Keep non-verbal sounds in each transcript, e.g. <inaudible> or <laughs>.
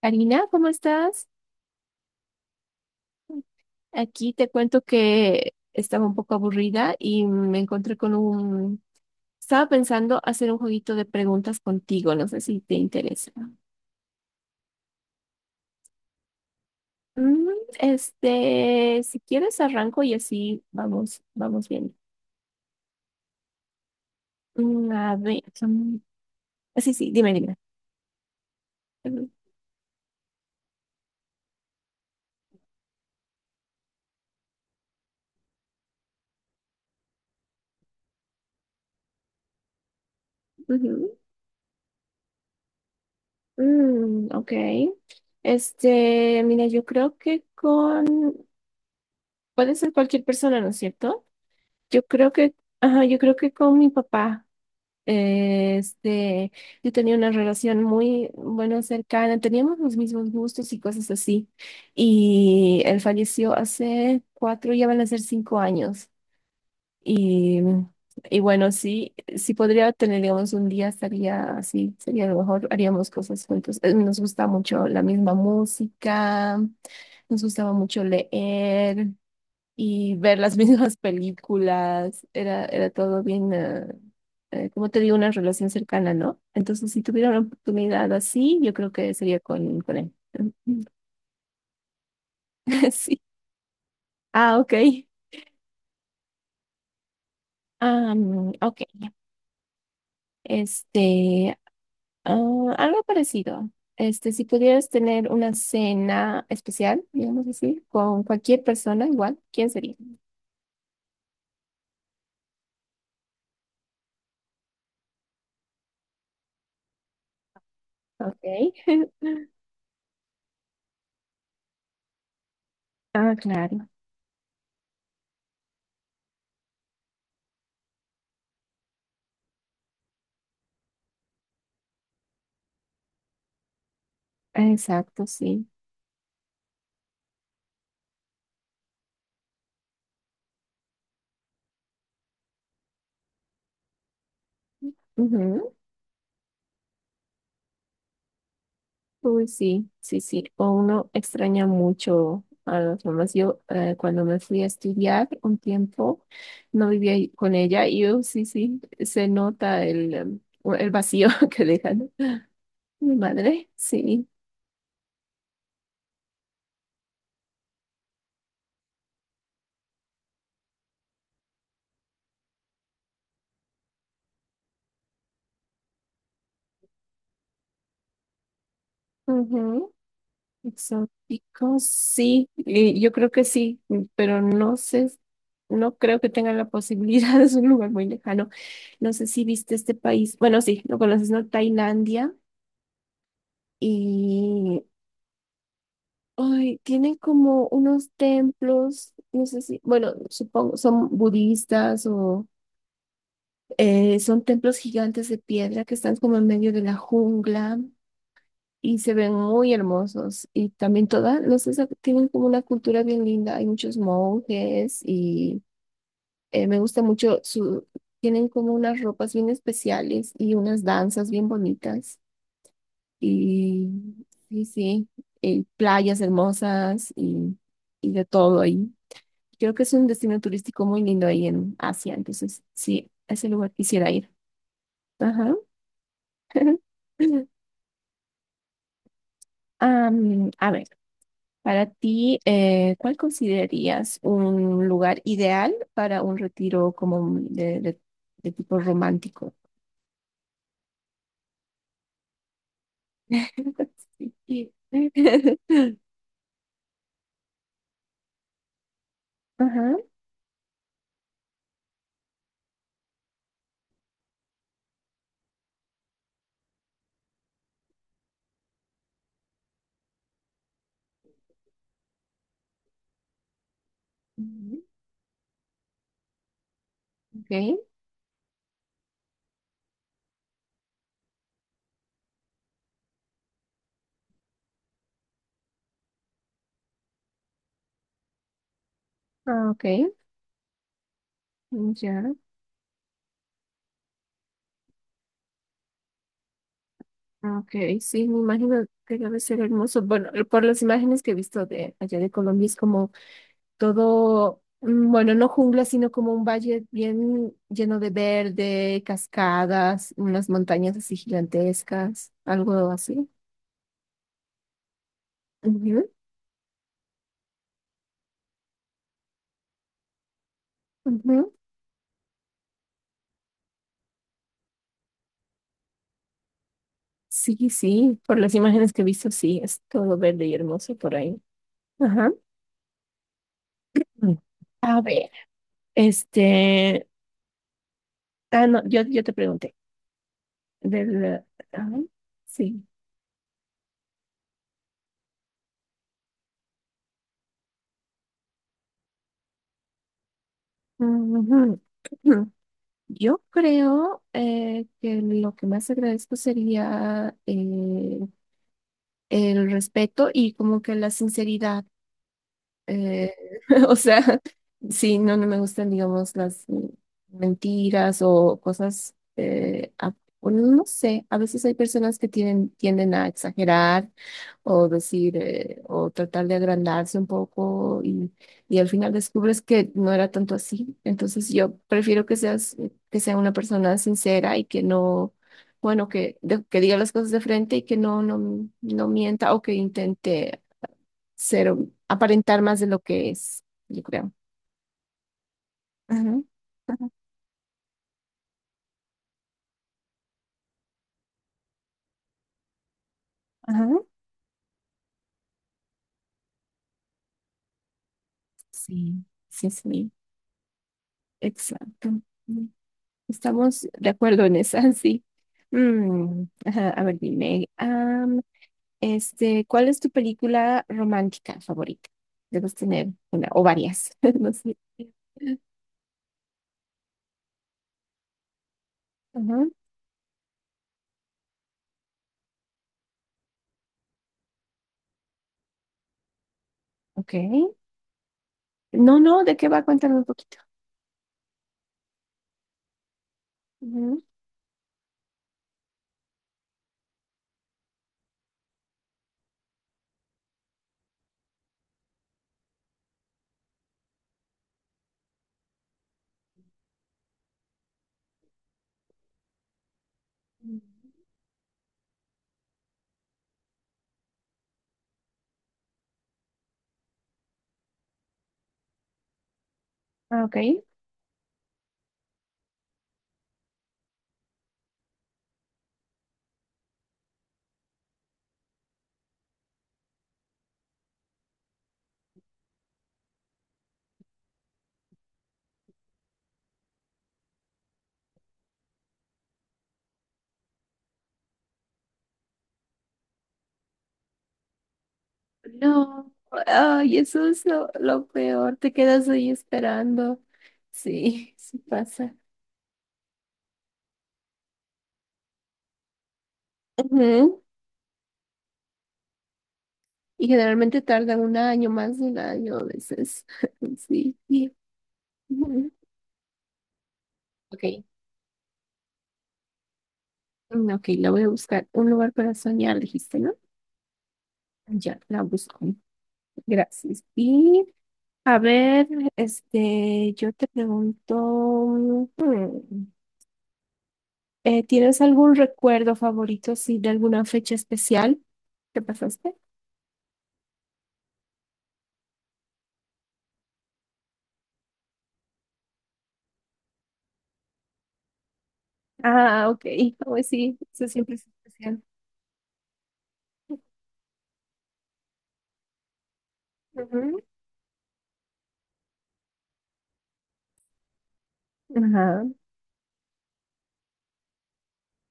Karina, ¿cómo estás? Aquí te cuento que estaba un poco aburrida y me encontré con un... Estaba pensando hacer un jueguito de preguntas contigo, no sé si te interesa. Mm, si quieres arranco y así vamos bien. A ver, sí, sí, dime. Ujú. Ujú. Mm, ok. Mira, yo creo que con... Puede ser cualquier persona, ¿no es cierto? Yo creo que, ajá, yo creo que con mi papá, eh, este, yo tenía una relación muy, bueno, cercana, teníamos los mismos gustos y cosas así. Y él falleció hace cuatro, ya van a ser cinco años. Y, y bueno, sí, sí podría tener, digamos, un día estaría así, sería lo mejor, haríamos cosas juntos. Nos gusta mucho la misma música, nos gustaba mucho leer y ver las <laughs> mismas películas, era todo bien, como te digo, una relación cercana, ¿no? Entonces, si tuviera una oportunidad así, yo creo que sería con él. <laughs> Sí. Ah, ok. Ah, mm, ok. Este, Algo parecido. Si pudieras tener una cena especial, digamos así, con cualquier persona, igual, ¿quién sería? Ok. <laughs> Ah, claro. Exacto, sí. Ujú. Uy, sí, sí, sí. O uno extraña mucho a las mamás. Yo, cuando me fui a estudiar un tiempo, no vivía ahí con ella y yo, sí, sí, se nota el, em, o el vacío <laughs> que dejan. Mi madre, sí. Ujú. Exóticos, sí. Y yo creo que sí, pero no sé, no creo que tengan la posibilidad. <laughs> Es un lugar muy lejano. No sé si viste este país. Bueno, sí, lo conoces, ¿no? Tailandia. Y ay, tienen como unos templos, no sé si, bueno, supongo, son budistas o son templos gigantes de piedra que están como en medio de la jungla y se ven muy hermosos. Y también toda no sé, tienen como una cultura bien linda. Hay muchos monjes y me gusta mucho tienen como unas ropas bien especiales y unas danzas bien bonitas. Y, sí sí, y playas hermosas y de todo ahí. Creo que es un destino turístico muy lindo ahí en Asia, entonces sí, a ese lugar quisiera ir. Ajá. <laughs> A ver, para ti, ¿cuál considerarías un lugar ideal para un retiro de tipo romántico? <laughs> Sí. <laughs> Ajá. Ujú, okay. Ah, okay. Mm, ya. Ah, okay. Sí, me imagino que debe ser hermoso. Bueno, por las imágenes que he visto de allá de Colombia es como todo, bueno, no jungla, sino como un valle bien lleno de verde, cascadas, unas montañas así gigantescas, algo así. Ujú, ujú. Sí, sí, por las imágenes que he visto, sí, es todo verde y hermoso por ahí. Ajá. Mm. A ver, este, ah, no, yo te pregunté, del, ah, sí. Ujú. <clears throat> Ujú. Yo creo que lo que más agradezco sería el respeto y como que la sinceridad. Eh, <laughs> o sea, sí, no, no me gustan, digamos, las mentiras o cosas, bueno, no sé, a veces hay personas que tienen, tienden a exagerar o decir, o tratar de agrandarse un poco y al final descubres que no era tanto así. Entonces yo prefiero que seas, que sea una persona sincera y que no, bueno, que diga las cosas de frente y que no, no, no mienta o que intente ser, aparentar más de lo que es, yo creo. Ajá, ajá, ajá. Sí, sí, sí, exacto. Mm, estamos de acuerdo en esa, <laughs> sí. Mm, ajá, a ver, dime, ¿cuál es tu película romántica favorita? Debes tener una o varias, <laughs> no sé. Ajá, ok. No, no, ¿de qué va? Cuéntame un poquito. Ujú. Ah, ok. No, ay, eso es lo peor, te quedas ahí esperando. Sí, <laughs> sí pasa. Ujú. Y generalmente tarda un año, más de un año a veces. <laughs> Sí, sí. Ujú. Ok, mm, ok, la voy a buscar. Un lugar para soñar, dijiste, ¿no? Ya, la busco. Gracias. Y a ver, yo te pregunto, mm, ¿tienes algún recuerdo favorito, sí, de alguna fecha especial que pasaste? Ah, ok. Oh, pues sí, eso siempre es especial. Ujú. Ajá.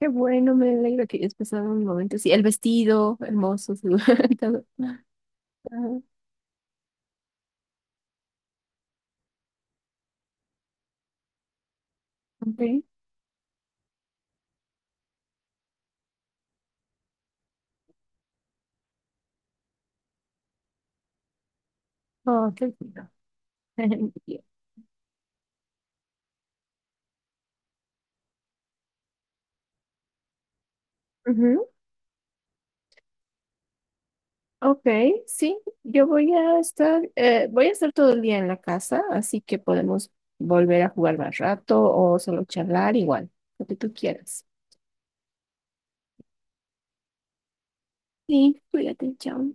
Qué bueno, me alegro que hayas pasado un momento. Sí, el vestido, hermoso, <laughs> todo. Ajá. Ok. Oh, qué lindo. <laughs> Bien. Ujú. Ok, sí, yo voy a estar todo el día en la casa, así que podemos volver a jugar más rato o solo charlar igual, lo que tú quieras. Sí, cuídate, chao.